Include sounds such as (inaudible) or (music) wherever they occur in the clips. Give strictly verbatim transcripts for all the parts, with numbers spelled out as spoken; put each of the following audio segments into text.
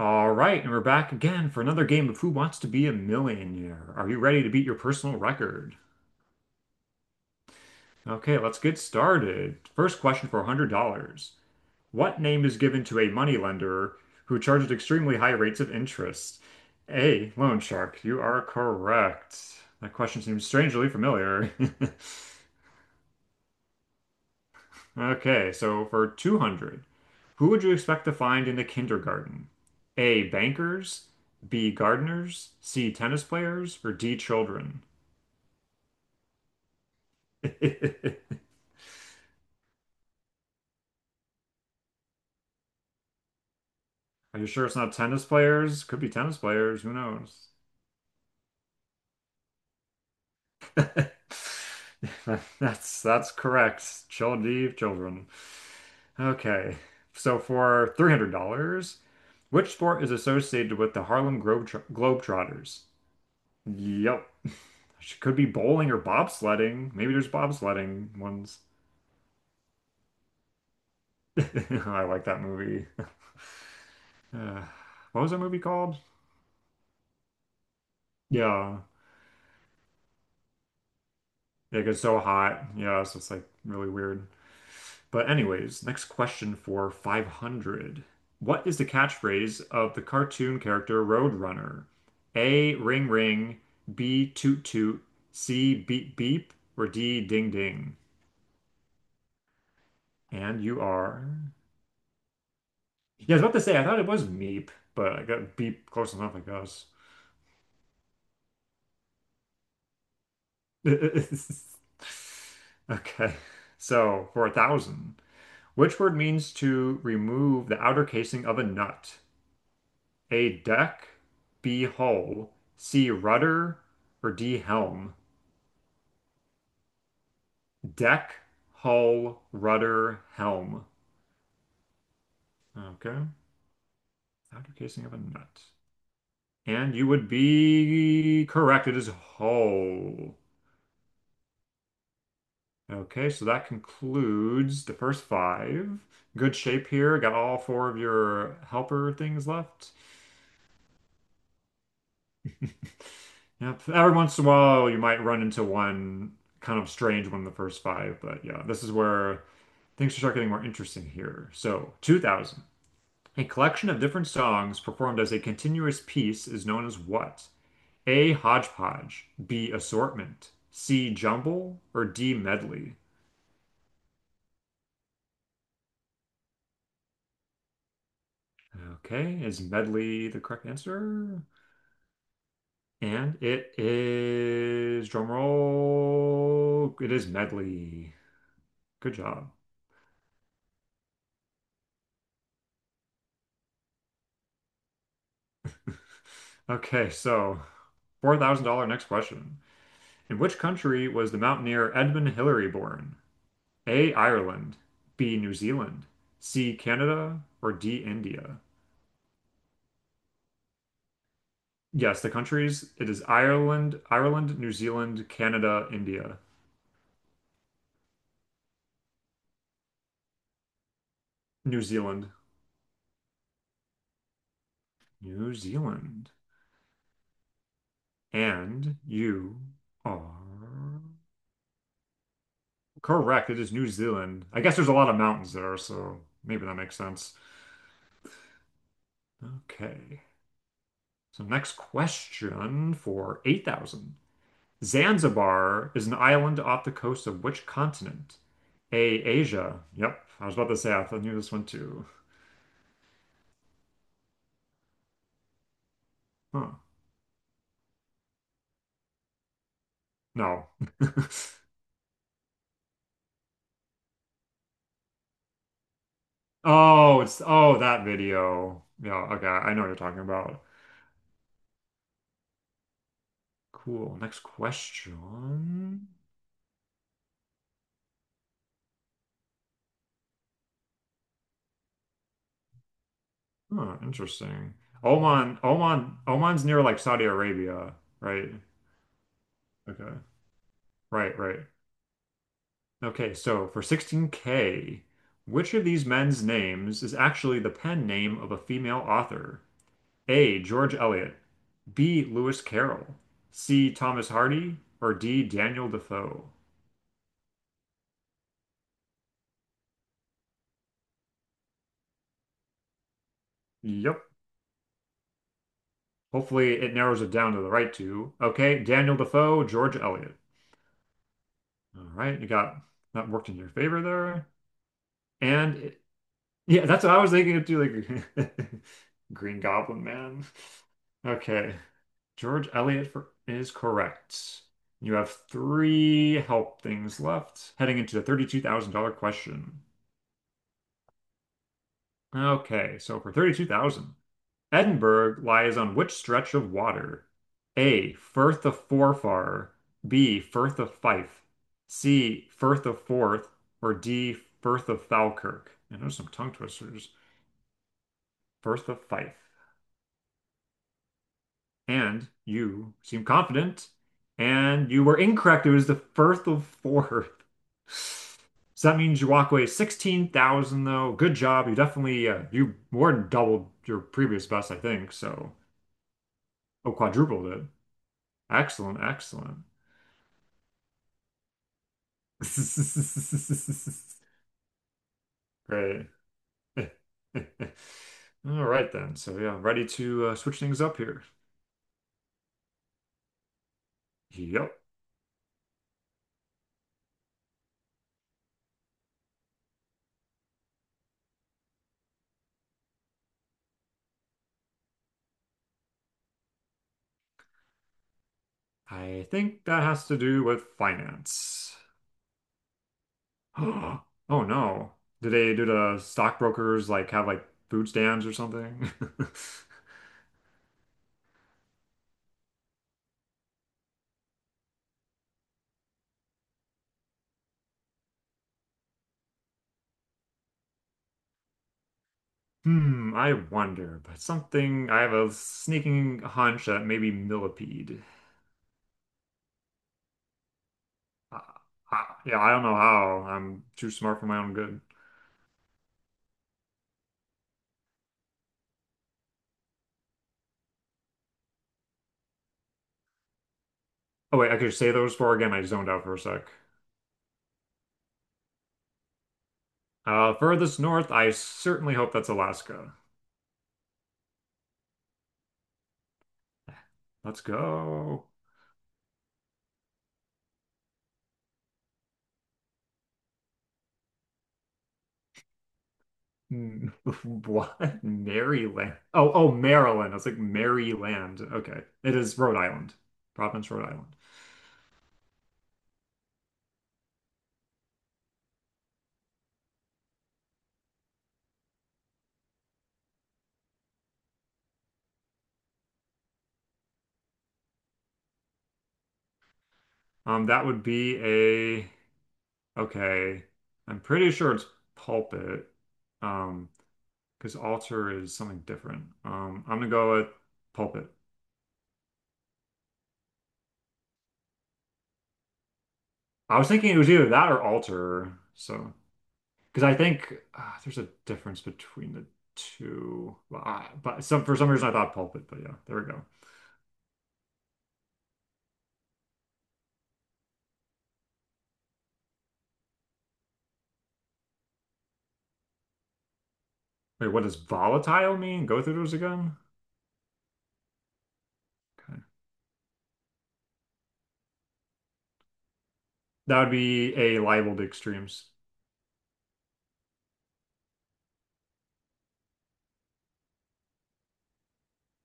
All right, and we're back again for another game of Who Wants to Be a Millionaire? Are you ready to beat your personal record? Okay, let's get started. First question for one hundred dollars. What name is given to a moneylender who charges extremely high rates of interest? A. Loan shark. You are correct. That question seems strangely familiar. (laughs) Okay, so for two hundred, who would you expect to find in the kindergarten? A. Bankers, B. Gardeners, C. Tennis players, or D. Children? (laughs) Are you sure it's not tennis players? Could be tennis players, who knows? (laughs) That's that's correct. Children, children. Okay, so for three hundred dollars which sport is associated with the Harlem Globe Globetrotters? Yep. She could be bowling or bobsledding. Maybe there's bobsledding ones. (laughs) I like that movie. (sighs) Uh, what was that movie called? Yeah. Yeah, it gets so hot. Yeah, so it's like really weird. But anyways, next question for five hundred. What is the catchphrase of the cartoon character Roadrunner? A, ring ring, B, toot toot, C, beep beep, or D, ding ding. And you are. Yeah, I was about to say, I thought it was meep, but I got beep close enough, I guess. (laughs) Okay. So for a thousand, which word means to remove the outer casing of a nut? A deck, B hull, C rudder, or D helm? Deck, hull, rudder, helm. Okay. Outer casing of a nut. And you would be correct. It is hull. Okay, so that concludes the first five. Good shape here. Got all four of your helper things left. (laughs) Yep. Every once in a while, you might run into one kind of strange one in the first five, but yeah, this is where things start getting more interesting here. So, two thousand. A collection of different songs performed as a continuous piece is known as what? A. Hodgepodge, B. Assortment, C. Jumble, or D. Medley? Okay, is medley the correct answer? And it is drum roll. It is medley. Good job. Okay, so four thousand dollars next question. In which country was the mountaineer Edmund Hillary born? A. Ireland, B. New Zealand, C. Canada, or D. India? Yes, the countries. It is Ireland, Ireland, New Zealand, Canada, India. New Zealand. New Zealand. And you are correct. It is New Zealand. I guess there's a lot of mountains there, so maybe that makes sense. Okay. So next question for eight thousand. Zanzibar is an island off the coast of which continent? A, Asia. Yep. I was about to say I thought I knew this one too. Huh. No. (laughs) Oh, it's oh that video. Yeah, okay. I know what you're talking about. Cool. Next question. Oh, interesting. Oman, Oman, Oman's near like Saudi Arabia, right? Okay. Right, right. Okay, so for sixteen K, which of these men's names is actually the pen name of a female author? A. George Eliot, B. Lewis Carroll, C. Thomas Hardy, or D. Daniel Defoe? Yep. Hopefully it narrows it down to the right two. Okay, Daniel Defoe, George Eliot. All right, you got that worked in your favor there. And Yeah, that's what I was thinking of too, like (laughs) Green Goblin Man. Okay. George Eliot for, is correct. You have three help things left, heading into the thirty-two thousand dollars question. Okay, so for thirty-two thousand, Edinburgh lies on which stretch of water? A. Firth of Forfar, B. Firth of Fife, C. Firth of Forth, or D. Firth of Falkirk. I know some tongue twisters. Firth of Fife. And you seem confident, and you were incorrect. It was the Firth of Forth. So that means you walk away sixteen thousand though. Good job. You definitely uh, you more than doubled your previous best, I think. So, oh, quadrupled it. Excellent, excellent. (laughs) Great. (laughs) All right then. So yeah, ready to uh, switch things up here. Yep. I think that has to do with finance. (gasps) Oh no. Do they do the stockbrokers like have like food stands or something? (laughs) Hmm, I wonder, but something I have a sneaking hunch that maybe millipede. Uh, I, yeah, I don't know how. I'm too smart for my own good. Oh wait, I could say those four again. I zoned out for a sec. Uh, furthest north, I certainly hope that's Alaska. Let's go. Mm, (laughs) What? Maryland. Oh, oh, Maryland. I was like Maryland. Okay. It is Rhode Island. Province, Rhode Island. Um, that would be a, okay. I'm pretty sure it's pulpit. Um, because altar is something different. Um, I'm gonna go with pulpit. I was thinking it was either that or altar. So, because I think uh, there's a difference between the two. Well, I- but some for some reason I thought pulpit, but yeah, there we go. Wait, what does volatile mean? Go through those again? Okay. That would be a liable to extremes.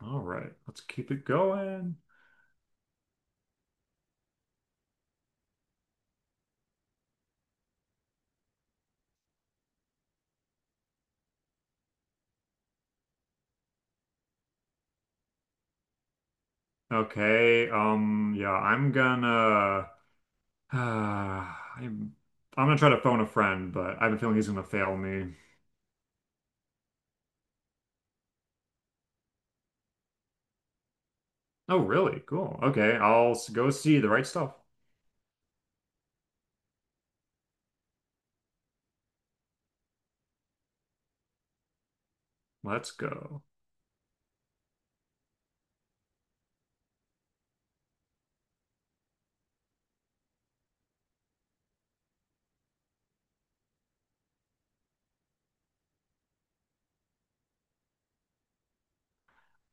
All right, let's keep it going. Okay, um, yeah, I'm gonna (sighs) I'm I'm gonna try to phone a friend, but I have a feeling he's gonna fail me. Oh, really? Cool. Okay, I'll s- go see the right stuff. Let's go.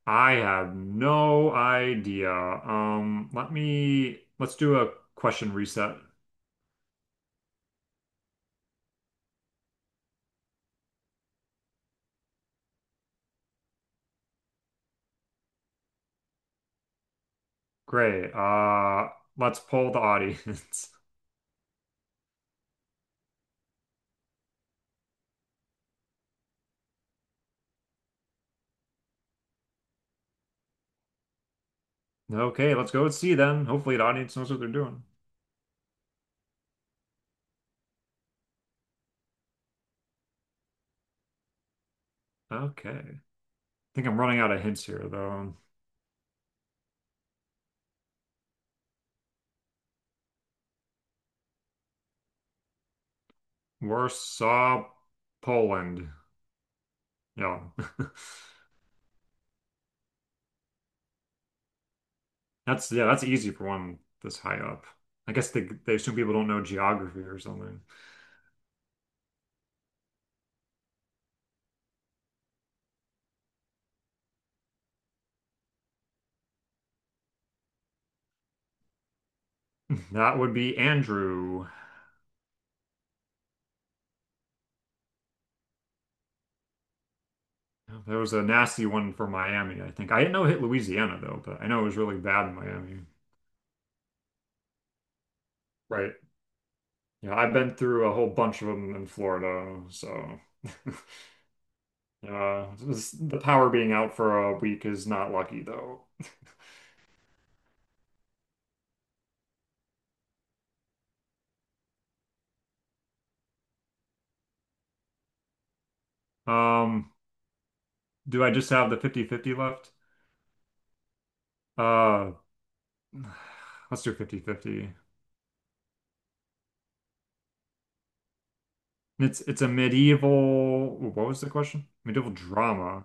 I have no idea. Um, let me let's do a question reset. Great. Uh, let's poll the audience. (laughs) Okay, let's go and see then. Hopefully the audience knows what they're doing. Okay. I think I'm running out of hints here though. Warsaw, Poland. Yeah. (laughs) That's yeah, that's easy for one this high up. I guess they they assume people don't know geography or something. (laughs) That would be Andrew. That was a nasty one for Miami, I think. I didn't know it hit Louisiana though, but I know it was really bad in Miami. Right. Yeah, I've been through a whole bunch of them in Florida, so (laughs) Uh, this- the power being out for a week is not lucky though. Um, do I just have the fifty-fifty left? Uh, (sighs) let's do fifty-fifty. It's it's a medieval, ooh, what was the question? Medieval drama.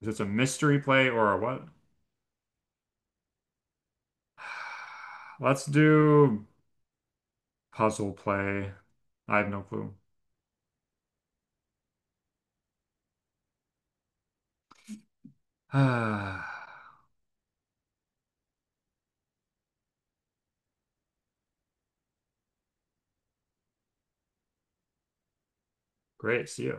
Is it a mystery play or a what? (sighs) Let's do puzzle play. I have no clue. (sighs) Great, see ya.